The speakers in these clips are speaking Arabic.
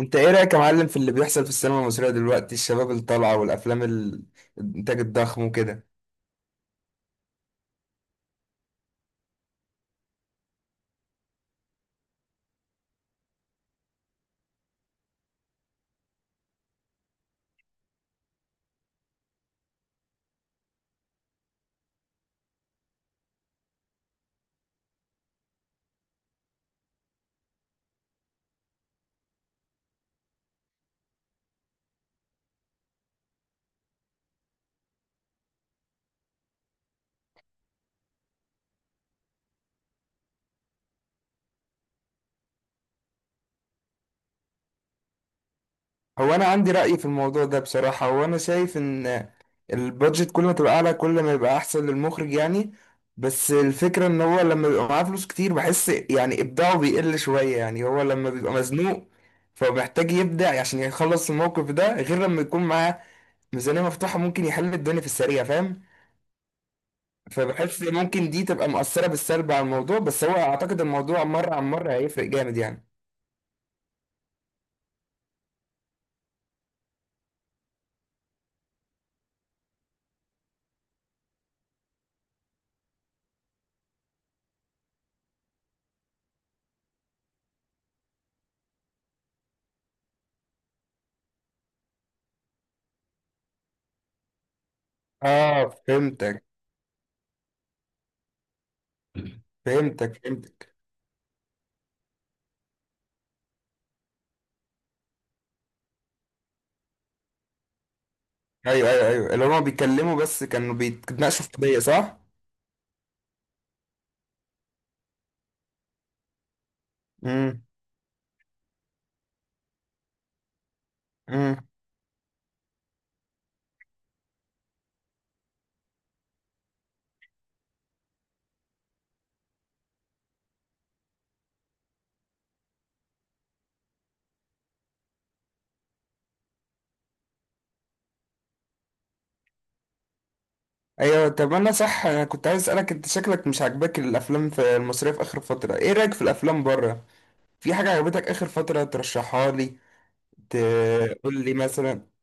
انت ايه رأيك يا معلم في اللي بيحصل في السينما المصرية دلوقتي؟ الشباب اللي طالعة والافلام الانتاج الضخم وكده. هو انا عندي رأي في الموضوع ده بصراحة، هو انا شايف ان البادجت كل ما تبقى اعلى كل ما يبقى احسن للمخرج يعني. بس الفكرة ان هو لما بيبقى معاه فلوس كتير بحس يعني ابداعه بيقل شوية، يعني هو لما بيبقى مزنوق فمحتاج يبدع عشان يخلص الموقف ده، غير لما يكون معاه ميزانية مفتوحة ممكن يحل الدنيا في السريع، فاهم؟ فبحس ممكن دي تبقى مؤثرة بالسلب على الموضوع، بس هو اعتقد الموضوع مرة عن مرة هيفرق جامد يعني. اه، فهمتك، فهمتك، فهمتك. ايوه، ايوه، ايوه، اللي هما بيتكلموا بس كانوا بيتناقشوا في قضية، صح؟ امم. امم. ايوه، طب انا صح، انا كنت عايز اسالك انت شكلك مش عاجباك الافلام في المصريه في اخر فتره، ايه رايك في الافلام بره؟ في حاجه عجبتك اخر فتره ترشحها لي؟ تقول لي مثلا.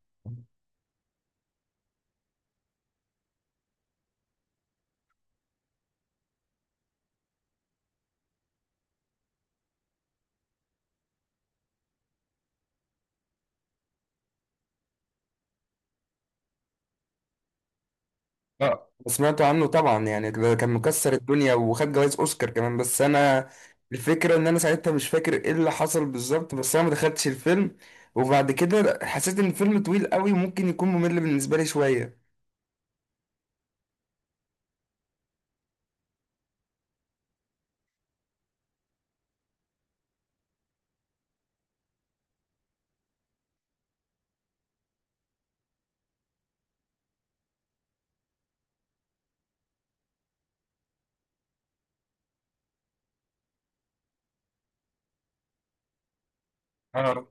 اه، سمعت عنه طبعا، يعني ده كان مكسر الدنيا وخد جوائز اوسكار كمان، بس انا الفكره ان انا ساعتها مش فاكر ايه اللي حصل بالظبط، بس انا ما دخلتش الفيلم. وبعد كده حسيت ان الفيلم طويل قوي وممكن يكون ممل بالنسبه لي شويه. اه،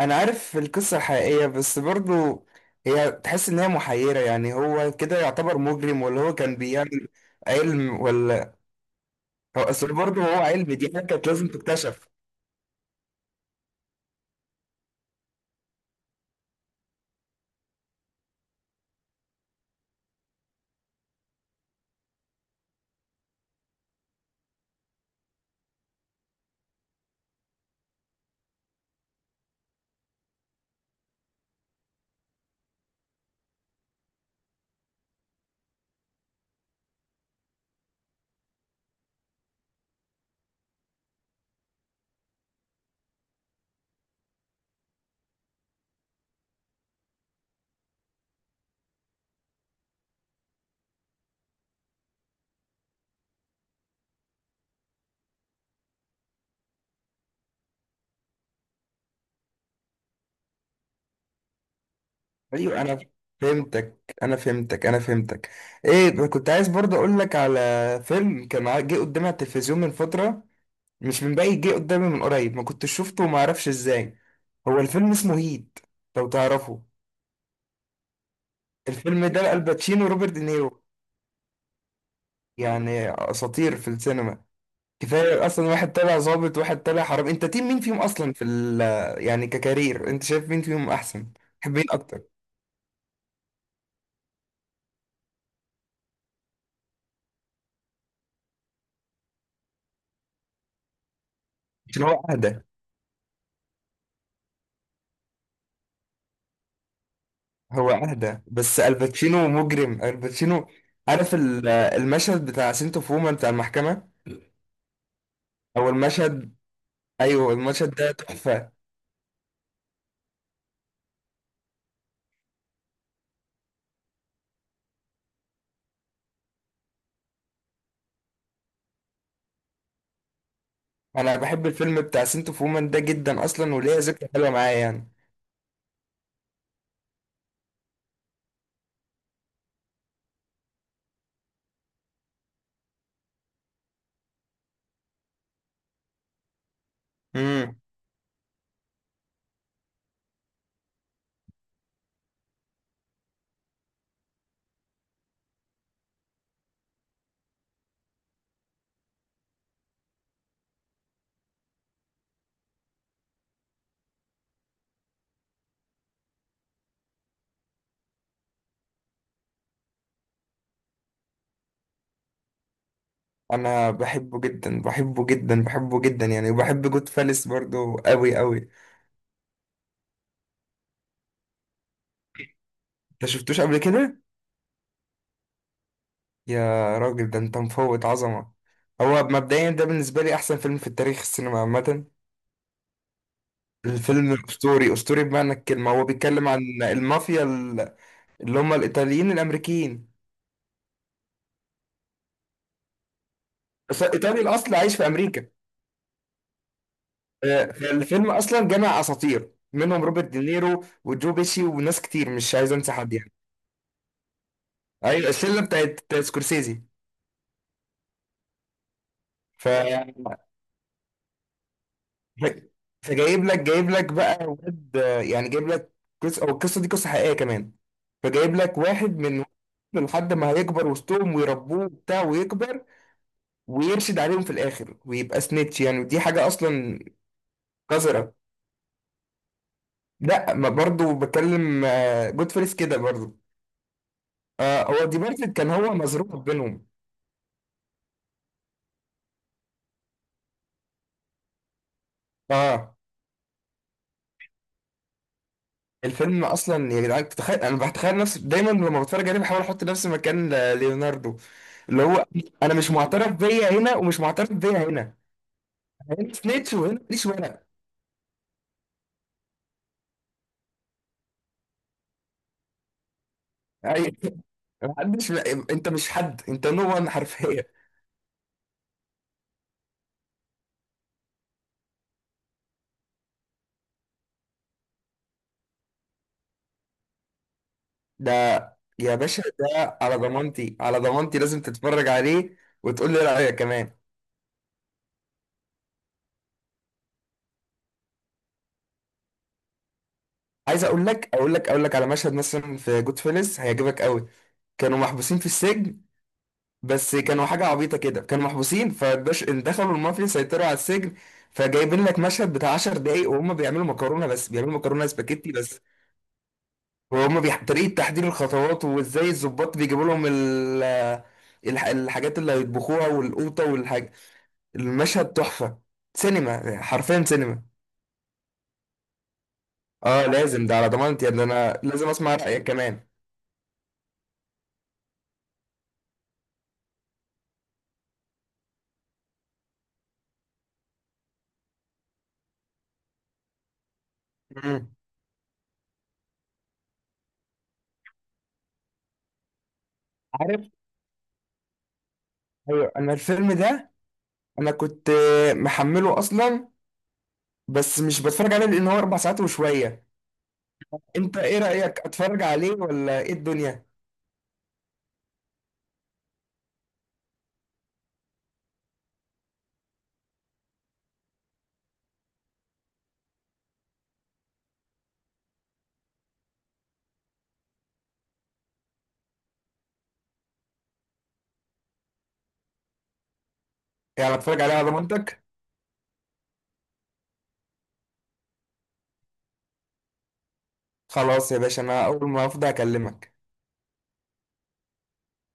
انا عارف القصه الحقيقيه بس برضو هي تحس ان هي محيره، يعني هو كده يعتبر مجرم ولا هو كان بيعمل علم ولا؟ هو اصل برضه هو علم دي حاجه كانت لازم تكتشف. ايوه، انا فاهمني، فهمتك، انا فهمتك، انا فهمتك. ايه، كنت عايز برضه اقول لك على فيلم كان جه قدامي على التلفزيون من فتره، مش من بعيد، جه قدامي من قريب، ما كنتش شفته وما اعرفش ازاي. هو الفيلم اسمه هيت، لو تعرفه. الفيلم ده الباتشينو وروبرت دينيرو، يعني اساطير في السينما. كفايه اصلا، واحد طالع ظابط واحد طالع حرامي، انت تيم مين فيهم اصلا في يعني ككارير انت شايف مين فيهم احسن؟ تحب مين اكتر؟ عشان هو اهدى. هو اهدى بس الباتشينو مجرم الباتشينو. عارف المشهد بتاع سنتو فوما بتاع المحكمة؟ او المشهد، ايوه، المشهد ده تحفة. انا بحب الفيلم بتاع سنتو فوما ده جدا اصلا، وليه ذكرى حلوة معايا يعني. امم. انا بحبه جدا، بحبه جدا، بحبه جدا يعني، وبحب جود فالس برضو قوي قوي. انت شفتوش قبل كده؟ يا راجل ده انت مفوت عظمة. هو مبدئيا ده بالنسبة لي احسن فيلم في التاريخ السينما عامة. الفيلم الأسطوري، أسطوري بمعنى الكلمة. هو بيتكلم عن المافيا اللي هم الإيطاليين الأمريكيين، إيطالي الأصل عايش في أمريكا. فالفيلم أصلا جمع أساطير منهم روبرت دينيرو وجو بيشي وناس كتير مش عايز أنسى حد يعني. أيوة، الشلة بتاعت سكورسيزي. ف... ف- فجايب لك جايب لك بقى واد، يعني جايب لك قصة، أو القصة دي قصة حقيقية كمان. فجايب لك واحد من لحد ما هيكبر وسطهم ويربوه وبتاع ويكبر، ويرشد عليهم في الاخر ويبقى سنيتش يعني، ودي حاجه اصلا قذره. لا، ما برضه بتكلم، جود فيلز كده برضه. آه، هو دي مارفل كان هو مزروع بينهم. اه، الفيلم اصلا يا جدعان، تتخيل انا بتخيل نفسي دايما لما بتفرج عليه بحاول احط نفسي مكان ليوناردو. اللي هو انا مش معترف بيا هنا ومش معترف بيا هنا، هنا سنيتش وهنا ماليش وهنا. أيوة. محدش، انت مش حد، انت نو وان حرفيا. ده يا باشا، ده على ضمانتي، على ضمانتي لازم تتفرج عليه، وتقول لي رأيك كمان. عايز اقول لك على مشهد مثلا في جود فيلز هيعجبك قوي. كانوا محبوسين في السجن، بس كانوا حاجة عبيطة كده، كانوا محبوسين فباش دخلوا المافيا سيطروا على السجن. فجايبين لك مشهد بتاع 10 دقايق وهم بيعملوا مكرونة، بس بيعملوا مكرونة سباكيتي بس. وهم طريقة تحضير الخطوات وازاي الظباط بيجيبوا لهم الحاجات اللي هيطبخوها والقوطة والحاجة. المشهد تحفة، سينما، حرفيا سينما. اه لازم، ده على ضمانتي يا ابني، انا لازم اسمع في كمان. مم. عارف. ايوه، انا الفيلم ده انا كنت محمله اصلا. بس مش بتفرج عليه لان هو 4 ساعات وشوية. انت ايه رأيك، اتفرج عليه ولا ايه الدنيا؟ يعني اتفرج عليه على ضمانتك؟ خلاص يا باشا، انا اول ما افضى اكلمك.